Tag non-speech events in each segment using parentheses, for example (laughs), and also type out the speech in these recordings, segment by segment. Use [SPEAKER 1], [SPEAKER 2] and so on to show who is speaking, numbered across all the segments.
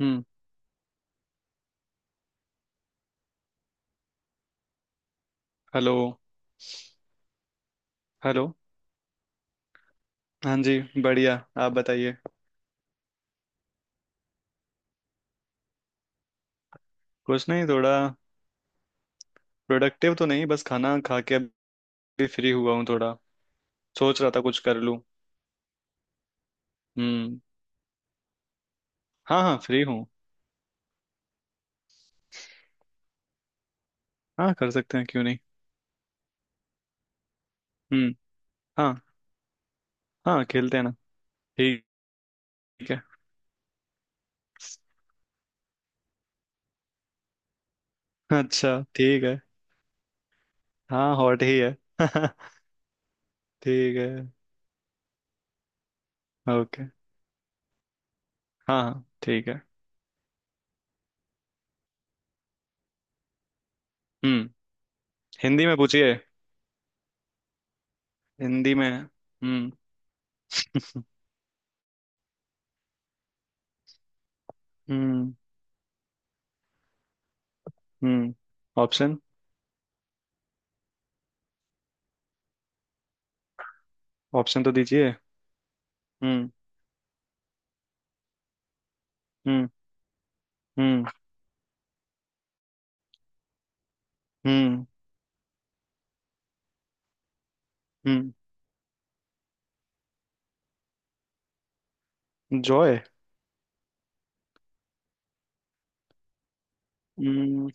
[SPEAKER 1] हम्म। Hello. Hello. हाँ जी, बढ़िया। आप बताइए। कुछ नहीं, थोड़ा प्रोडक्टिव तो नहीं, बस खाना खा के अभी फ्री हुआ हूँ। थोड़ा सोच रहा था कुछ कर लूँ। हम्म। हाँ हाँ, फ्री हूँ। हाँ, कर सकते हैं, क्यों नहीं। हम्म। हाँ हाँ, खेलते हैं ना। ठीक है, अच्छा ठीक है। हाँ, हॉट ही है। (laughs) ठीक है। ओके। हाँ हाँ ठीक है। हम्म, हिंदी में पूछिए। हिंदी में। हम्म। हम्म। हम्म। ऑप्शन। ऑप्शन तो दीजिए। हम्म। हम्म। हम्म। हम्म। हम्म। जॉय। हम्म।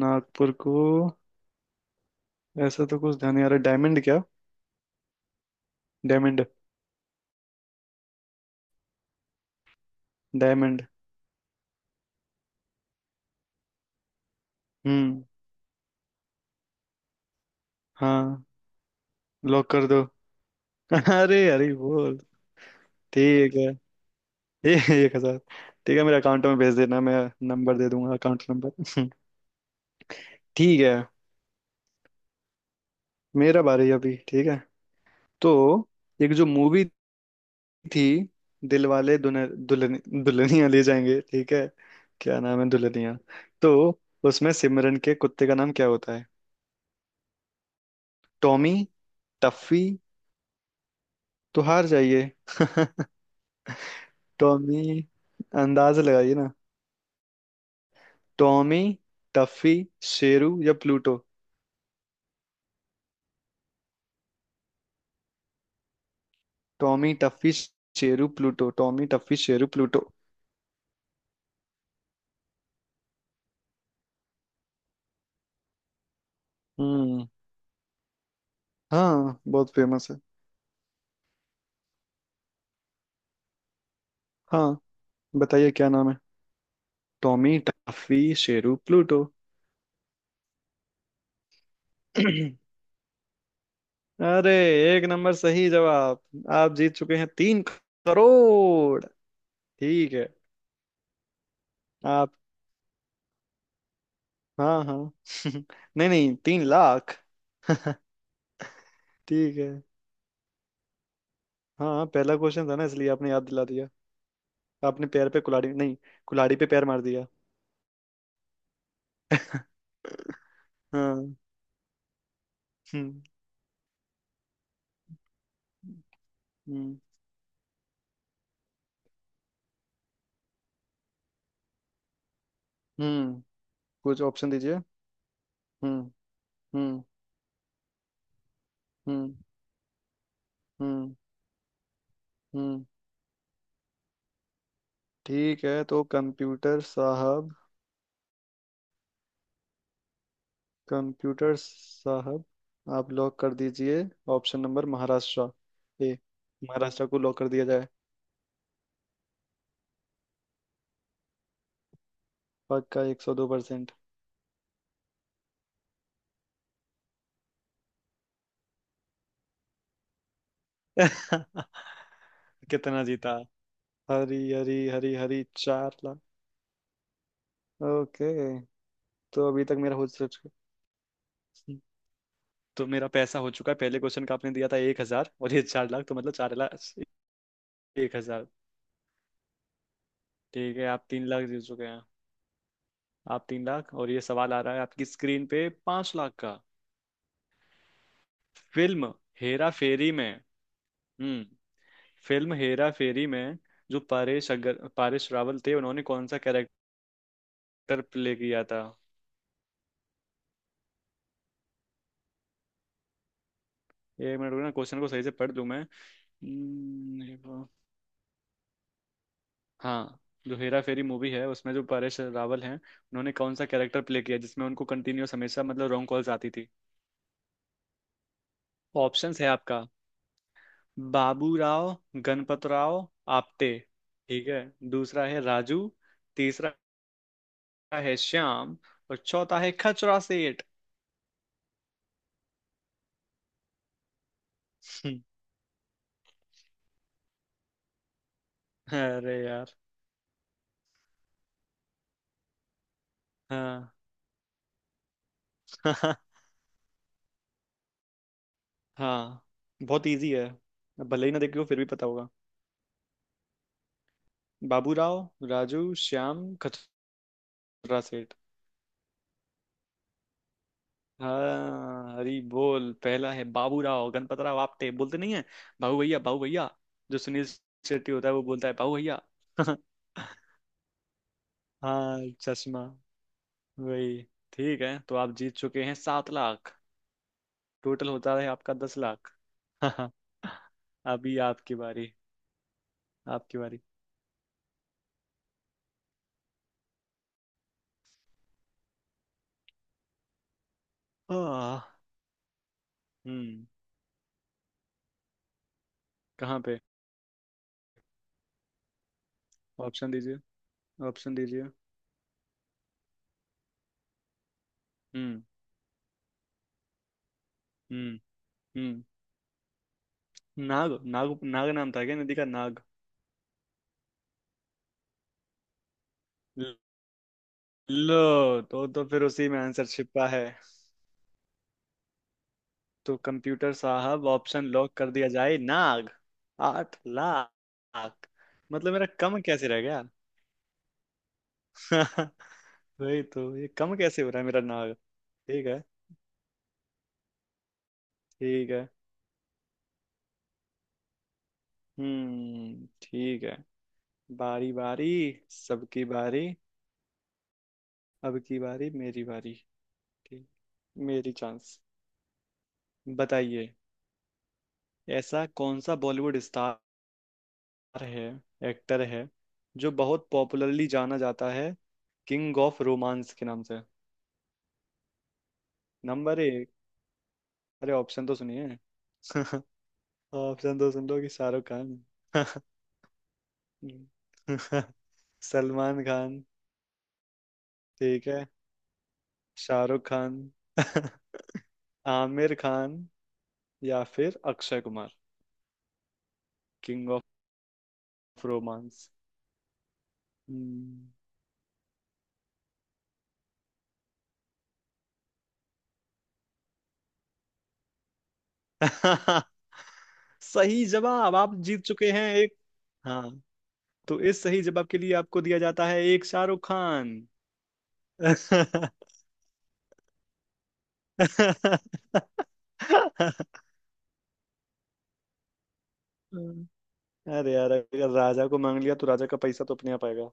[SPEAKER 1] नागपुर को, ऐसा तो कुछ ध्यान नहीं आ रहा। डायमंड क्या? डायमंड। डायमंड। हम्म। हाँ, लॉक कर दो। (laughs) अरे अरे बोल, ठीक है। ए, 1,000। ठीक है, मेरे अकाउंट में भेज देना, मैं नंबर दे दूंगा, अकाउंट नंबर। (laughs) ठीक है। मेरा बारी अभी, ठीक है। तो एक जो मूवी थी, दिलवाले दुल्हन दुल्हन दुल्हनिया ले जाएंगे, ठीक है। क्या नाम है दुल्हनिया, तो उसमें सिमरन के कुत्ते का नाम क्या होता है? टॉमी? टफी? तो हार जाइए। (laughs) टॉमी। अंदाज लगाइए ना। टॉमी, टफी, शेरू या Pluto? Tommy, Tuffy, Sheru, Pluto. Tommy, Tuffy, Sheru, Pluto. हम्म। हाँ, बहुत फेमस है। हाँ, बताइए क्या नाम है। Tommy, Tuffy, Sheru, Pluto. (clears throat) अरे, एक नंबर सही जवाब। आप जीत चुके हैं 3 करोड़। ठीक है। आप, हाँ हाँ। (laughs) नहीं नहीं, 3 लाख। (laughs) ठीक है। हाँ हाँ, पहला क्वेश्चन था ना, इसलिए आपने याद दिला दिया। आपने पैर पे कुल्हाड़ी नहीं, कुल्हाड़ी पे पैर मार दिया। (laughs) हाँ। हम्म। हम्म। हम्म, कुछ ऑप्शन दीजिए। हम्म। हम्म। हम्म। हम्म। हम्म। ठीक है, तो कंप्यूटर साहब, कंप्यूटर साहब, आप लॉक कर दीजिए। Option number Maharashtra, A. Maharashtra को लॉक कर दिया जाए। पक्का 102%। (laughs) कितना जीता? हरी हरी हरी हरी 4 लाख। ओके, तो अभी तक मेरा हो चुका, तो मेरा पैसा हो चुका है। पहले क्वेश्चन का आपने दिया था 1,000 और ये 4 लाख, तो मतलब 4 लाख एक हजार। ठीक है, आप 3 लाख जीत चुके हैं। आप तीन लाख, और ये सवाल आ रहा है आपकी स्क्रीन पे, 5 लाख का। फिल्म हेरा फेरी में, हम्म, फिल्म हेरा फेरी में जो परेश, अगर परेश रावल थे, उन्होंने कौन सा कैरेक्टर प्ले किया था? एक मिनट रुकना, क्वेश्चन को सही से पढ़ लूं मैं। हम्म, हाँ, जो हेरा फेरी मूवी है, उसमें जो परेश रावल हैं, उन्होंने कौन सा कैरेक्टर प्ले किया, जिसमें उनको कंटिन्यूअस हमेशा, मतलब, रॉन्ग कॉल्स आती थी? ऑप्शंस है आपका, बाबू राव गणपत राव आप्टे, ठीक है। दूसरा है राजू। तीसरा है श्याम। और चौथा है खचरा सेठ। (laughs) अरे यार। हाँ। (laughs) हाँ, बहुत इजी है। भले ही ना देखे हो, फिर भी पता होगा। बाबू राव, राजू, श्याम, खचरा सेठ। हाँ, हरी बोल, पहला है, बाबू राव गणपत राव आपटे। बोलते नहीं है बाबू भैया, बाबू भैया, जो सुनील शेट्टी होता है, वो बोलता है बाबू भैया। (laughs) हाँ, चश्मा वही। ठीक है, तो आप जीत चुके हैं 7 लाख। टोटल होता है आपका 10 लाख। (laughs) अभी आपकी बारी। आपकी बारी। आह, हम्म। कहाँ पे? ऑप्शन दीजिए। ऑप्शन दीजिए। हम्म। हम्म। हम्म। नाग, नाग, नाग नाम था क्या नदी का? नाग, लो, तो फिर उसी में आंसर छिपा है। तो कंप्यूटर साहब, ऑप्शन लॉक कर दिया जाए, नाग। 8 लाख? मतलब मेरा कम कैसे रह गया? (laughs) वही तो, ये कम कैसे हो रहा है मेरा, नाग। ठीक है। ठीक है। हम्म, ठीक है। बारी बारी सबकी बारी अब की बारी, मेरी बारी। ठीक। मेरी चांस। बताइए, ऐसा कौन सा बॉलीवुड स्टार है, एक्टर है, जो बहुत पॉपुलरली जाना जाता है किंग ऑफ रोमांस के नाम से? नंबर एक, अरे ऑप्शन तो सुनिए। (laughs) ऑप्शन तो सुन लो कि, शाहरुख खान, (laughs) सलमान खान, ठीक है, शाहरुख खान, (laughs) आमिर खान, या फिर Akshay Kumar. King of romance. हम्म। (laughs) सही जवाब, आप जीत चुके हैं एक। हाँ, तो इस सही जवाब के लिए आपको दिया जाता है एक शाहरुख खान। (laughs) अरे यार, अगर राजा को मांग लिया तो राजा का पैसा तो अपने आप आएगा।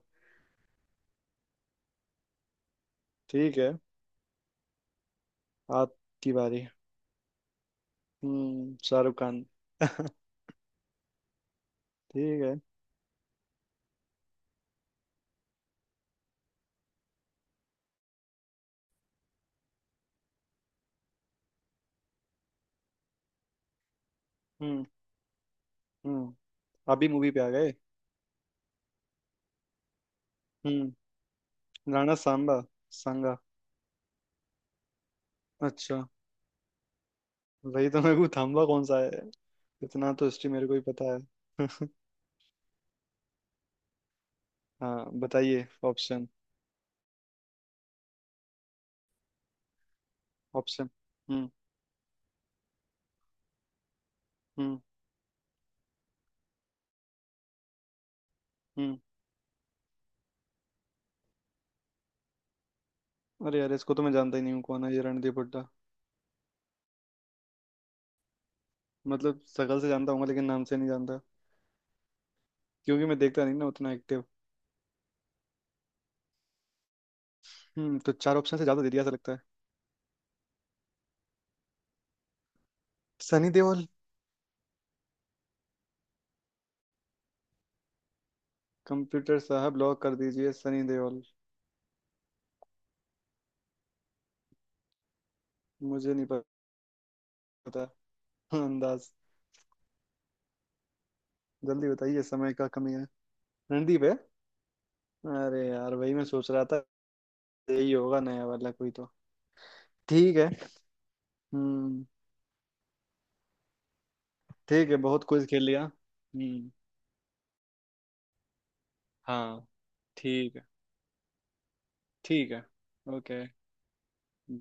[SPEAKER 1] ठीक है, आपकी बारी। हम्म, शाहरुख खान। (laughs) ठीक है। हम्म। हम्म, अभी मूवी पे आ गए। हम्म। राणा सांबा, सांगा। अच्छा, वही तो, मेरे को थाम्बा कौन सा है, इतना तो हिस्ट्री मेरे को ही पता है। (laughs) हाँ, बताइए ऑप्शन। ऑप्शन। हम्म। हम्म। हम्म। अरे यार, इसको तो मैं जानता ही नहीं हूँ, कौन है ये रणदीप हुड्डा? मतलब शकल से जानता हूँ, लेकिन नाम से नहीं जानता, क्योंकि मैं देखता नहीं ना उतना एक्टिव। हम्म, तो चार ऑप्शन से ज्यादा दे दिया ऐसा लगता है। सनी देओल। कंप्यूटर साहब, ब्लॉक कर दीजिए, सनी देओल। मुझे नहीं पता। हाँ, अंदाज। जल्दी बताइए, समय का कमी है। रणदीप है, अरे यार वही मैं सोच रहा था, यही होगा नया वाला कोई तो। ठीक है। हम्म। ठीक है, बहुत कुछ खेल लिया। हम्म। हाँ। ठीक है। ठीक है। ओके।